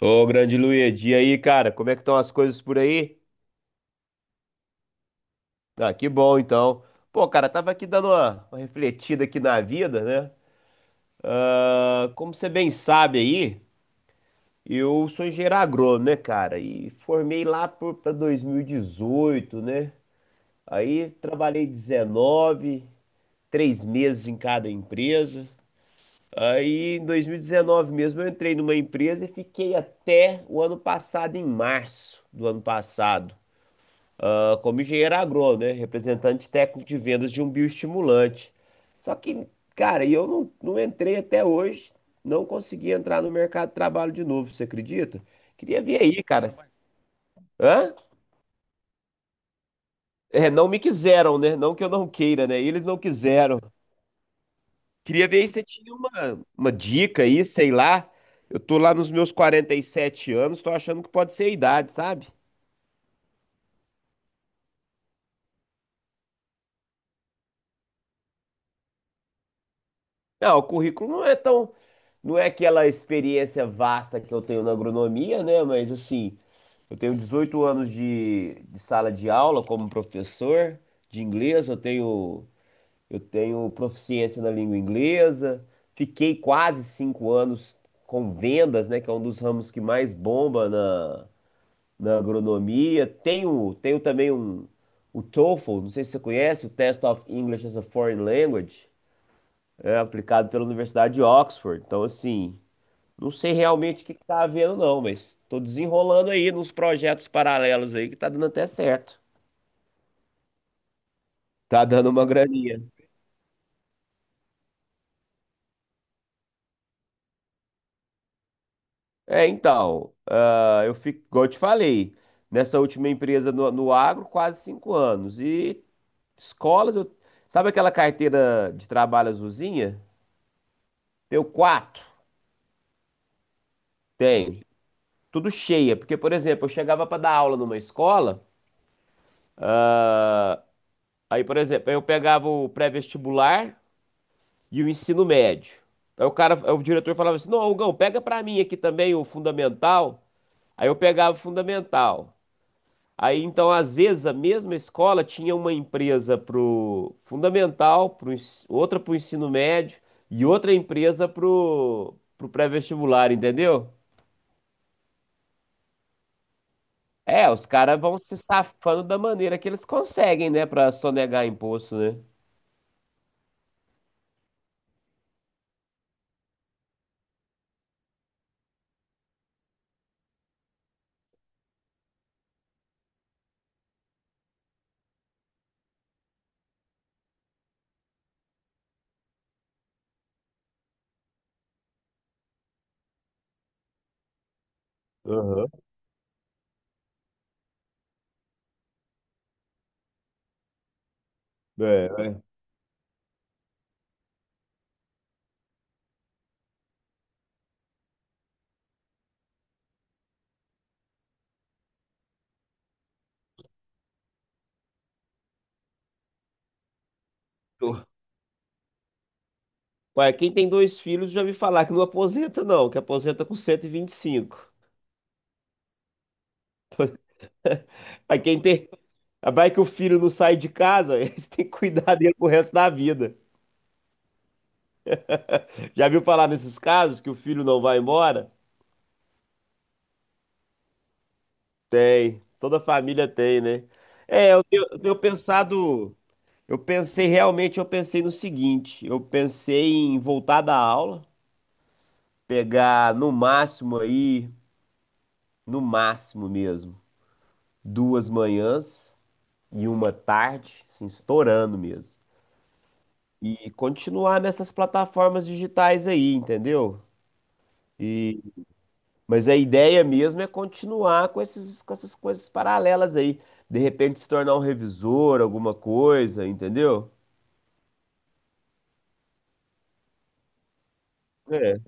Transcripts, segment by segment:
Ô, grande Luigi, e aí, cara, como é que estão as coisas por aí? Ah, que bom, então. Pô, cara, tava aqui dando uma refletida aqui na vida, né? Ah, como você bem sabe aí, eu sou engenheiro agrônomo, né, cara? E formei lá pra 2018, né? Aí trabalhei 19, três meses em cada empresa. Aí em 2019 mesmo eu entrei numa empresa e fiquei até o ano passado, em março do ano passado. Como engenheiro agrônomo, né? Representante técnico de vendas de um bioestimulante. Só que, cara, e eu não entrei até hoje, não consegui entrar no mercado de trabalho de novo, você acredita? Queria ver aí, cara. Hã? É, não me quiseram, né? Não que eu não queira, né? Eles não quiseram. Queria ver se você tinha uma dica aí, sei lá. Eu tô lá nos meus 47 anos, tô achando que pode ser a idade, sabe? Não, o currículo não é tão. Não é aquela experiência vasta que eu tenho na agronomia, né? Mas assim, eu tenho 18 anos de sala de aula como professor de inglês, eu tenho proficiência na língua inglesa, fiquei quase 5 anos com vendas, né? Que é um dos ramos que mais bomba na agronomia. Tenho também o TOEFL, não sei se você conhece, o Test of English as a Foreign Language aplicado pela Universidade de Oxford. Então, assim, não sei realmente o que que tá havendo, não, mas tô desenrolando aí nos projetos paralelos aí que tá dando até certo. Tá dando uma graninha. É, então, eu fico, igual eu te falei, nessa última empresa no agro, quase 5 anos. E escolas, sabe aquela carteira de trabalho azulzinha? Tenho quatro. Tenho. Tudo cheia. Porque, por exemplo, eu chegava para dar aula numa escola, aí, por exemplo, eu pegava o pré-vestibular, e o ensino médio. Aí o cara, o diretor falava assim: "Não, Hugão, pega pra mim aqui também o fundamental". Aí eu pegava o fundamental. Aí então, às vezes, a mesma escola tinha uma empresa pro fundamental, outra pro ensino médio e outra empresa pro pré-vestibular, entendeu? É, os caras vão se safando da maneira que eles conseguem, né, pra sonegar imposto, né? Aham. É, é. Ué, quem tem dois filhos já me falar que não aposenta, não, que aposenta com cento e vinte e cinco. Aí quem tem. Vai que o filho não sai de casa, aí você tem que cuidar dele pro resto da vida. Já viu falar nesses casos que o filho não vai embora? Tem. Toda família tem, né? É, eu tenho pensado. Eu pensei realmente, eu pensei no seguinte: eu pensei em voltar da aula, pegar no máximo aí, no máximo mesmo, duas manhãs e uma tarde, assim, estourando mesmo. E continuar nessas plataformas digitais aí, entendeu? E, mas a ideia mesmo é continuar com essas coisas paralelas aí. De repente se tornar um revisor, alguma coisa, entendeu? É.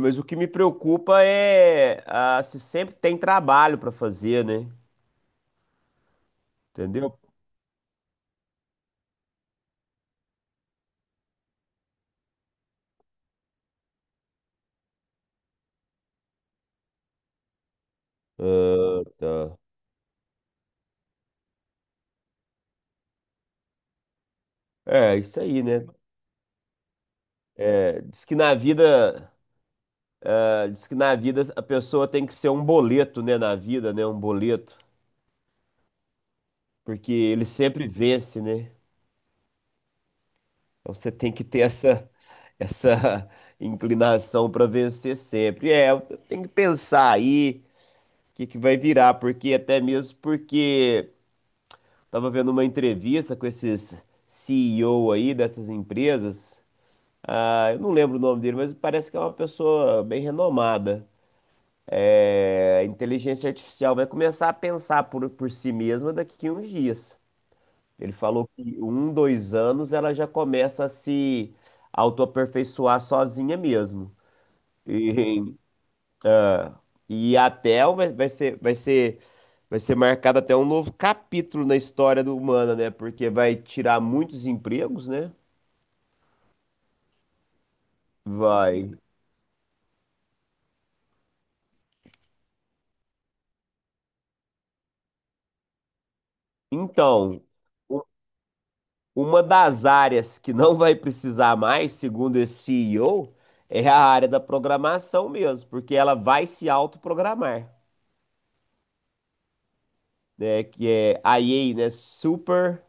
Mas o que me preocupa é se sempre tem trabalho para fazer, né? Entendeu? Tá. É, isso aí, né? É, diz que na vida, a pessoa tem que ser um boleto, né? Na vida, né? Um boleto. Porque ele sempre vence, né? Então você tem que ter essa inclinação para vencer sempre. É, tem que pensar aí o que que vai virar, porque até mesmo porque estava vendo uma entrevista com esses CEO aí dessas empresas. Ah, eu não lembro o nome dele, mas parece que é uma pessoa bem renomada. É, a inteligência artificial vai começar a pensar por si mesma daqui a uns dias. Ele falou que um, 2 anos ela já começa a se autoaperfeiçoar sozinha mesmo. E, ah, e até vai ser marcado até um novo capítulo na história do humana, né? Porque vai tirar muitos empregos, né? Vai. Então, u- uma das áreas que não vai precisar mais, segundo esse CEO, é a área da programação mesmo, porque ela vai se autoprogramar. Né, que é a EA, né, Super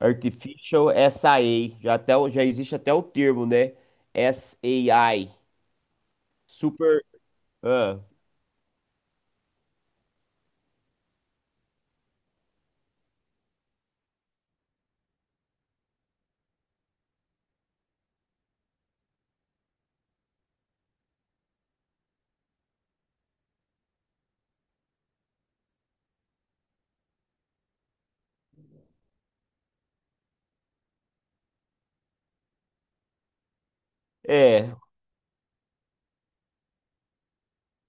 Artificial SIA, já existe até o termo, né, SAI. Super, ah, é,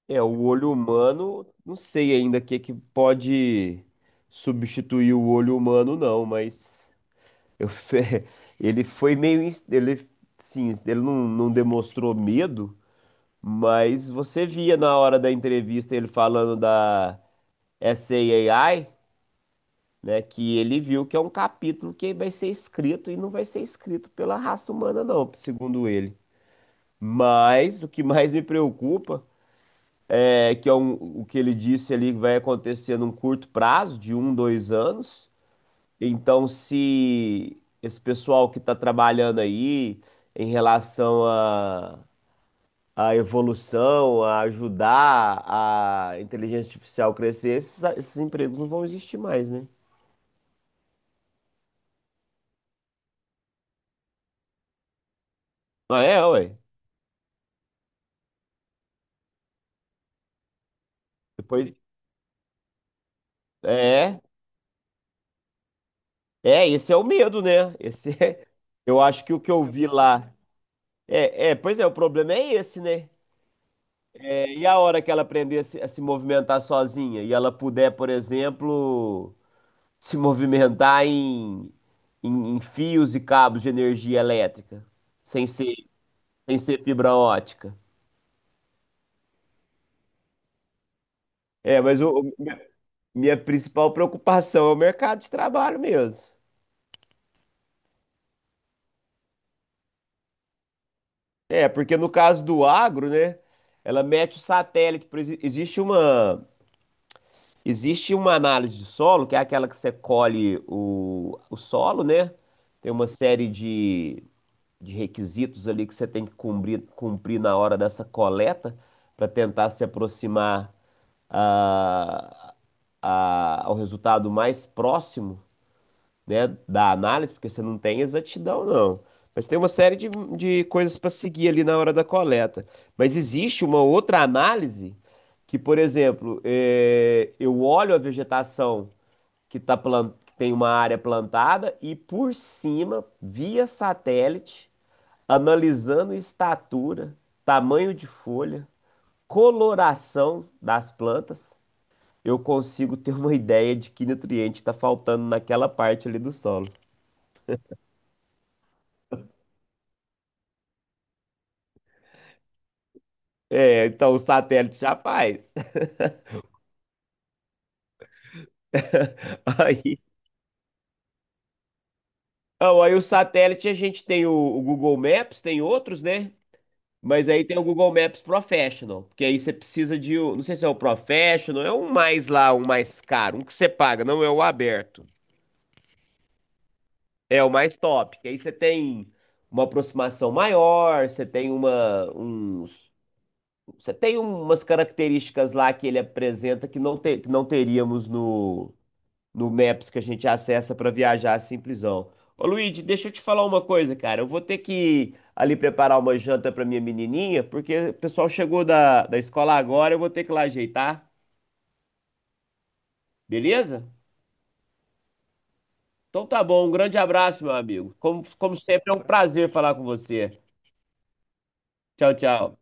é o olho humano, não sei ainda o que é que pode substituir o olho humano não, mas eu fe- ele foi meio, ele, sim, ele não demonstrou medo, mas você via na hora da entrevista ele falando da SAI, né? Que ele viu que é um capítulo que vai ser escrito e não vai ser escrito pela raça humana, não, segundo ele. Mas o que mais me preocupa é que o que ele disse ali que vai acontecer num curto prazo, de um, 2 anos. Então, se esse pessoal que está trabalhando aí em relação à evolução, a ajudar a inteligência artificial crescer, esses empregos não vão existir mais, né? Ah, é, ué. Depois. É. É, esse é o medo, né? Esse é... Eu acho que o que eu vi lá. Pois é, o problema é esse, né? É, e a hora que ela aprender a se movimentar sozinha e ela puder, por exemplo, se movimentar em fios e cabos de energia elétrica, sem ser, sem ser fibra ótica. É, mas minha principal preocupação é o mercado de trabalho mesmo. É, porque no caso do agro, né? Ela mete o satélite, existe uma. Existe uma análise de solo, que é aquela que você colhe o solo, né? Tem uma série de requisitos ali que você tem que cumprir na hora dessa coleta para tentar se aproximar a, ao resultado mais próximo, né, da análise, porque você não tem exatidão, não. Mas tem uma série de coisas para seguir ali na hora da coleta. Mas existe uma outra análise que, por exemplo, eu olho a vegetação que, que tem uma área plantada e por cima, via satélite, analisando estatura, tamanho de folha, coloração das plantas, eu consigo ter uma ideia de que nutriente está faltando naquela parte ali do solo. Então, o satélite já faz. Aí, não, aí o satélite a gente tem o Google Maps, tem outros, né? Mas aí tem o Google Maps Professional, porque aí você precisa não sei se é o Professional, é um mais lá, um mais caro, um que você paga, não é o aberto. É o mais top, que aí você tem uma aproximação maior, você tem você tem umas características lá que ele apresenta que não teríamos no Maps que a gente acessa para viajar simplesão. Ô Luigi, deixa eu te falar uma coisa, cara. Eu vou ter que ali preparar uma janta para minha menininha, porque o pessoal chegou da escola agora, eu vou ter que ir lá ajeitar, beleza? Então tá bom, um grande abraço, meu amigo. Como sempre, é um prazer falar com você. Tchau, tchau.